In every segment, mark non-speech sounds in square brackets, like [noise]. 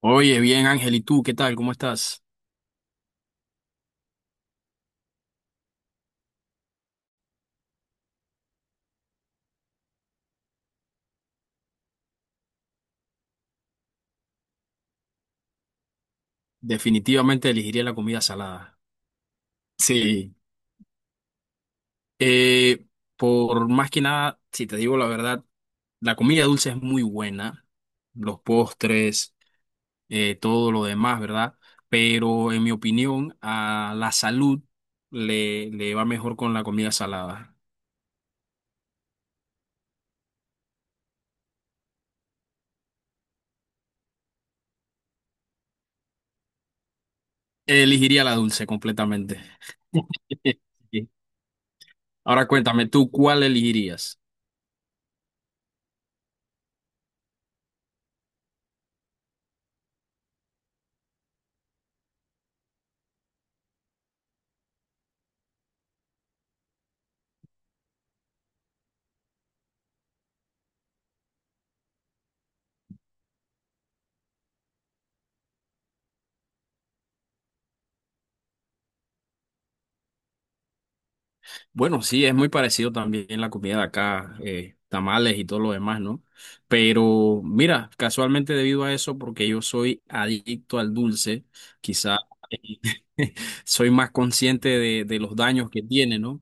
Oye, bien, Ángel, ¿y tú qué tal? ¿Cómo estás? Definitivamente elegiría la comida salada. Sí, eh, por más que nada, si te digo la verdad, la comida dulce es muy buena, los postres, todo lo demás, ¿verdad? Pero en mi opinión, a la salud le va mejor con la comida salada. Elegiría la dulce completamente. [laughs] Sí. Ahora cuéntame, ¿tú cuál elegirías? Bueno, sí, es muy parecido también la comida de acá, tamales y todo lo demás, ¿no? Pero mira, casualmente debido a eso, porque yo soy adicto al dulce, quizá eh, [laughs] soy más consciente de los daños que tiene, ¿no?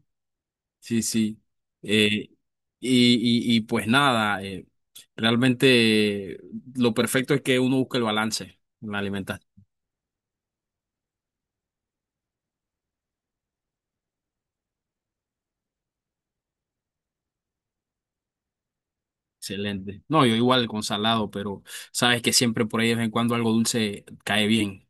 Sí, sí. Eh, y, y pues nada, realmente lo perfecto es que uno busque el balance en la alimentación. Excelente. No, yo igual con salado, pero sabes que siempre por ahí de vez en cuando algo dulce cae bien.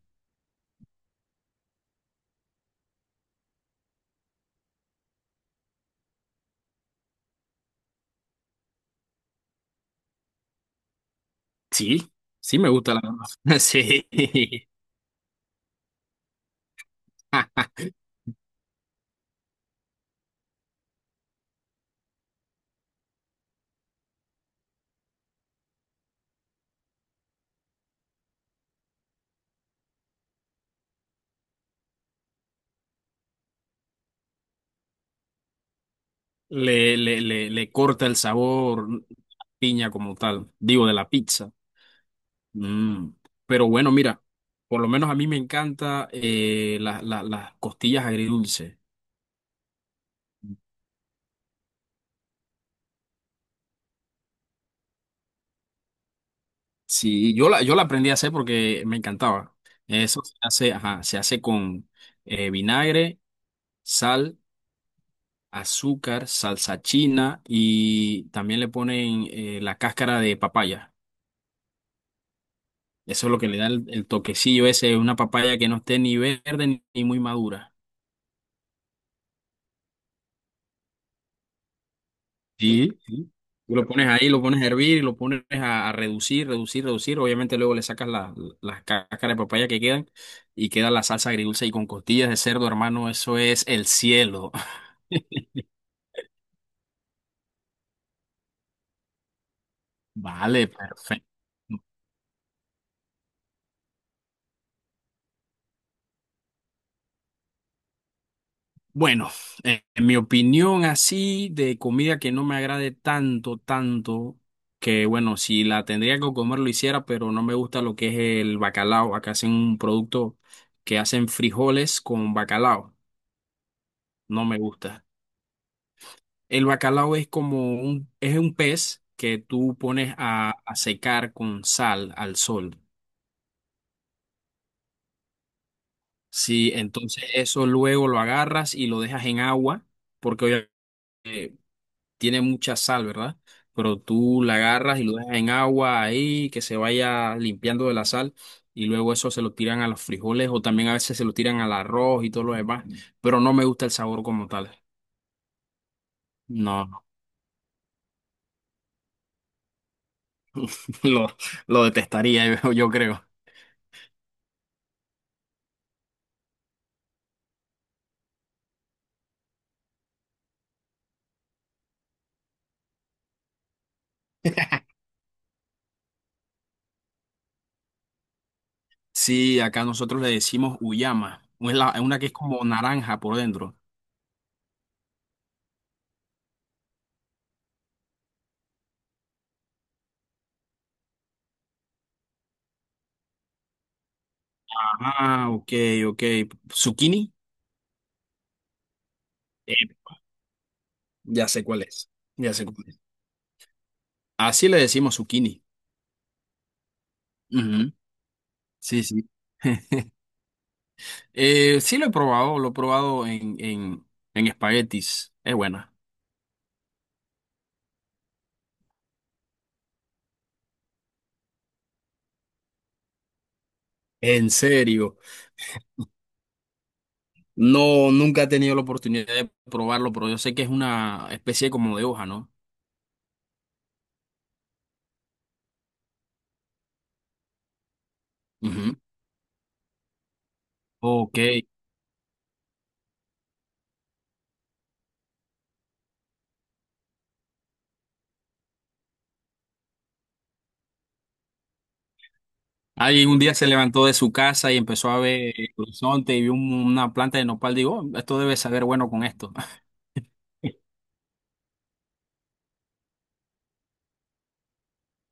Sí, sí me gusta la verdad. [laughs] Sí. Le corta el sabor piña como tal, digo, de la pizza. Mm. Pero bueno, mira, por lo menos a mí me encanta las costillas agridulce. Sí, yo la aprendí a hacer porque me encantaba. Eso se hace, ajá, se hace con vinagre, sal, azúcar, salsa china y también le ponen la cáscara de papaya. Eso es lo que le da el toquecillo ese, una papaya que no esté ni verde ni muy madura. Sí, sí. Tú lo pones ahí, lo pones a hervir, lo pones a reducir, reducir, reducir. Obviamente luego le sacas las cáscaras de papaya que quedan y queda la salsa agridulce y con costillas de cerdo, hermano, eso es el cielo. [laughs] Vale, perfecto. Bueno, en mi opinión así de comida que no me agrade tanto, que bueno, si la tendría que comer lo hiciera, pero no me gusta lo que es el bacalao. Acá hacen un producto que hacen frijoles con bacalao. No me gusta. El bacalao es como es un pez que tú pones a secar con sal al sol. Sí, entonces eso luego lo agarras y lo dejas en agua, porque obviamente tiene mucha sal, ¿verdad? Pero tú la agarras y lo dejas en agua ahí, que se vaya limpiando de la sal, y luego eso se lo tiran a los frijoles o también a veces se lo tiran al arroz y todo lo demás, pero no me gusta el sabor como tal. No, [laughs] lo, lo detestaría, yo creo. Sí, acá nosotros le decimos uyama, es es una que es como naranja por dentro. Ah, ok, ok. ¿Zucchini? Eh, ya sé cuál es, ya sé cuál es. Así le decimos zucchini. Ujú, sí, sí. [laughs] Sí lo he probado en espaguetis. Es buena. ¿En serio? No, nunca he tenido la oportunidad de probarlo, pero yo sé que es una especie como de hoja, ¿no? Ujú. Ok. Alguien un día se levantó de su casa y empezó a ver el horizonte y vio una planta de nopal. Digo, "Oh, esto debe saber bueno con esto." [laughs]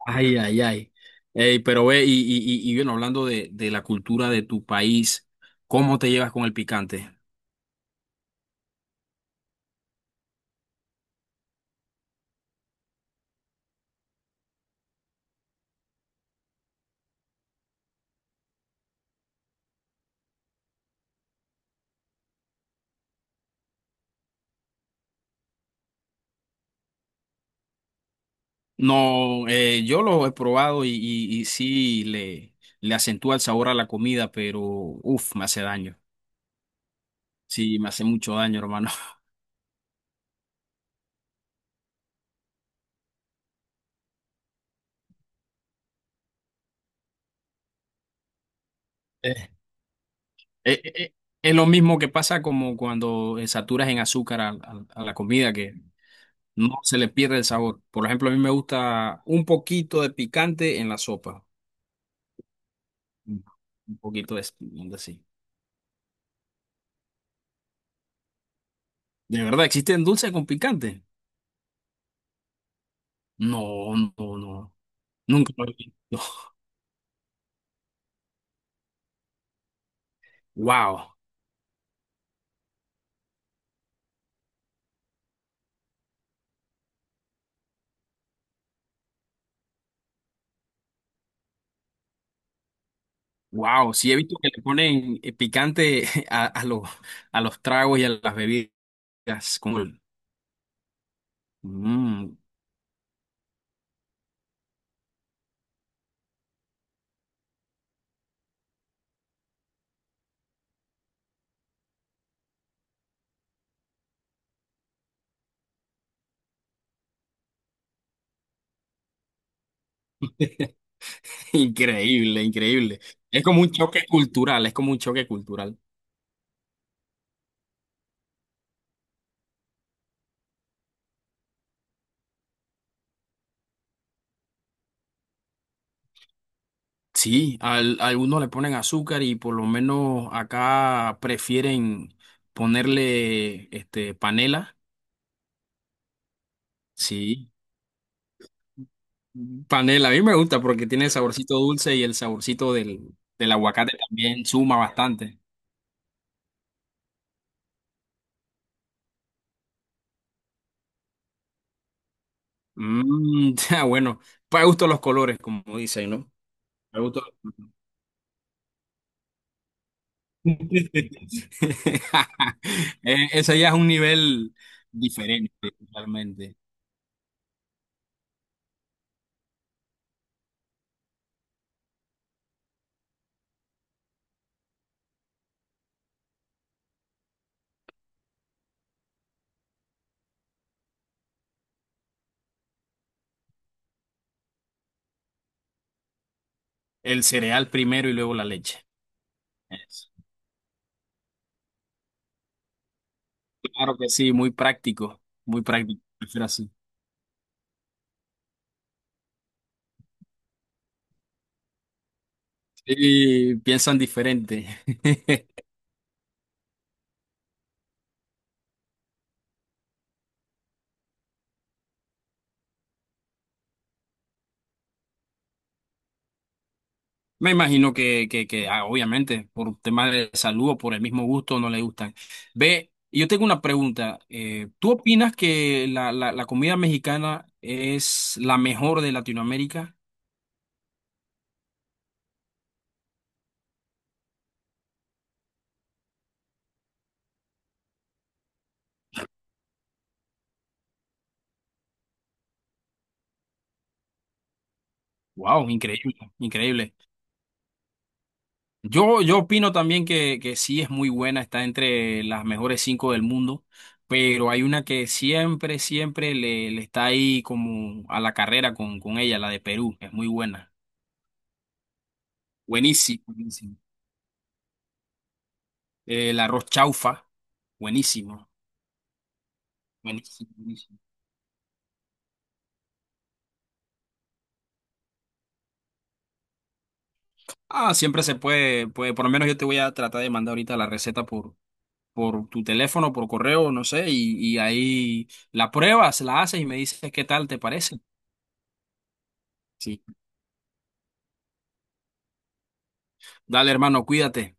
Ay, ay, ay. Ey, pero ve, y bueno, hablando de la cultura de tu país, ¿cómo te llevas con el picante? No, yo lo he probado y sí le acentúa el sabor a la comida, pero uff, me hace daño. Sí, me hace mucho daño, hermano. [laughs] Eh, Eh, eh, eh, es lo mismo que pasa como cuando saturas en azúcar a la comida, que no se le pierde el sabor. Por ejemplo, a mí me gusta un poquito de picante en la sopa. Un un poquito de así. ¿De verdad existen dulces con picante? No, no, no. Nunca lo he visto. [laughs] Wow. Wow, sí he visto que le ponen picante [laughs] a los tragos y a las bebidas. Como el- Mm, [laughs] increíble, increíble. Es como un choque cultural, es como un choque cultural. Sí, a algunos le ponen azúcar y por lo menos acá prefieren ponerle este panela. Sí, panela, a mí me gusta porque tiene el saborcito dulce y el saborcito del aguacate también suma bastante. Mm, [laughs] ya, bueno, para gusto los colores, como dicen, ¿no? Para gusto. [laughs] Ese ya es un nivel diferente, realmente. El cereal primero y luego la leche. Eso. Claro que sí, muy práctico, muy práctico. Prefiero así. Sí, piensan diferente. [laughs] Me imagino que obviamente, por temas de salud o por el mismo gusto, no le gustan. Ve, yo tengo una pregunta. ¿Tú opinas que la comida mexicana es la mejor de Latinoamérica? Wow, increíble, increíble. Yo opino también que sí es muy buena, está entre las mejores 5 del mundo, pero hay una que siempre, siempre le está ahí como a la carrera con ella, la de Perú. Es muy buena. Buenísimo. El arroz chaufa, buenísimo, buenísimo, buenísimo. Ah, siempre se puede, puede, por lo menos yo te voy a tratar de mandar ahorita la receta por tu teléfono, por correo, no sé, y ahí la pruebas, la haces y me dices qué tal te parece. Sí. Dale, hermano, cuídate.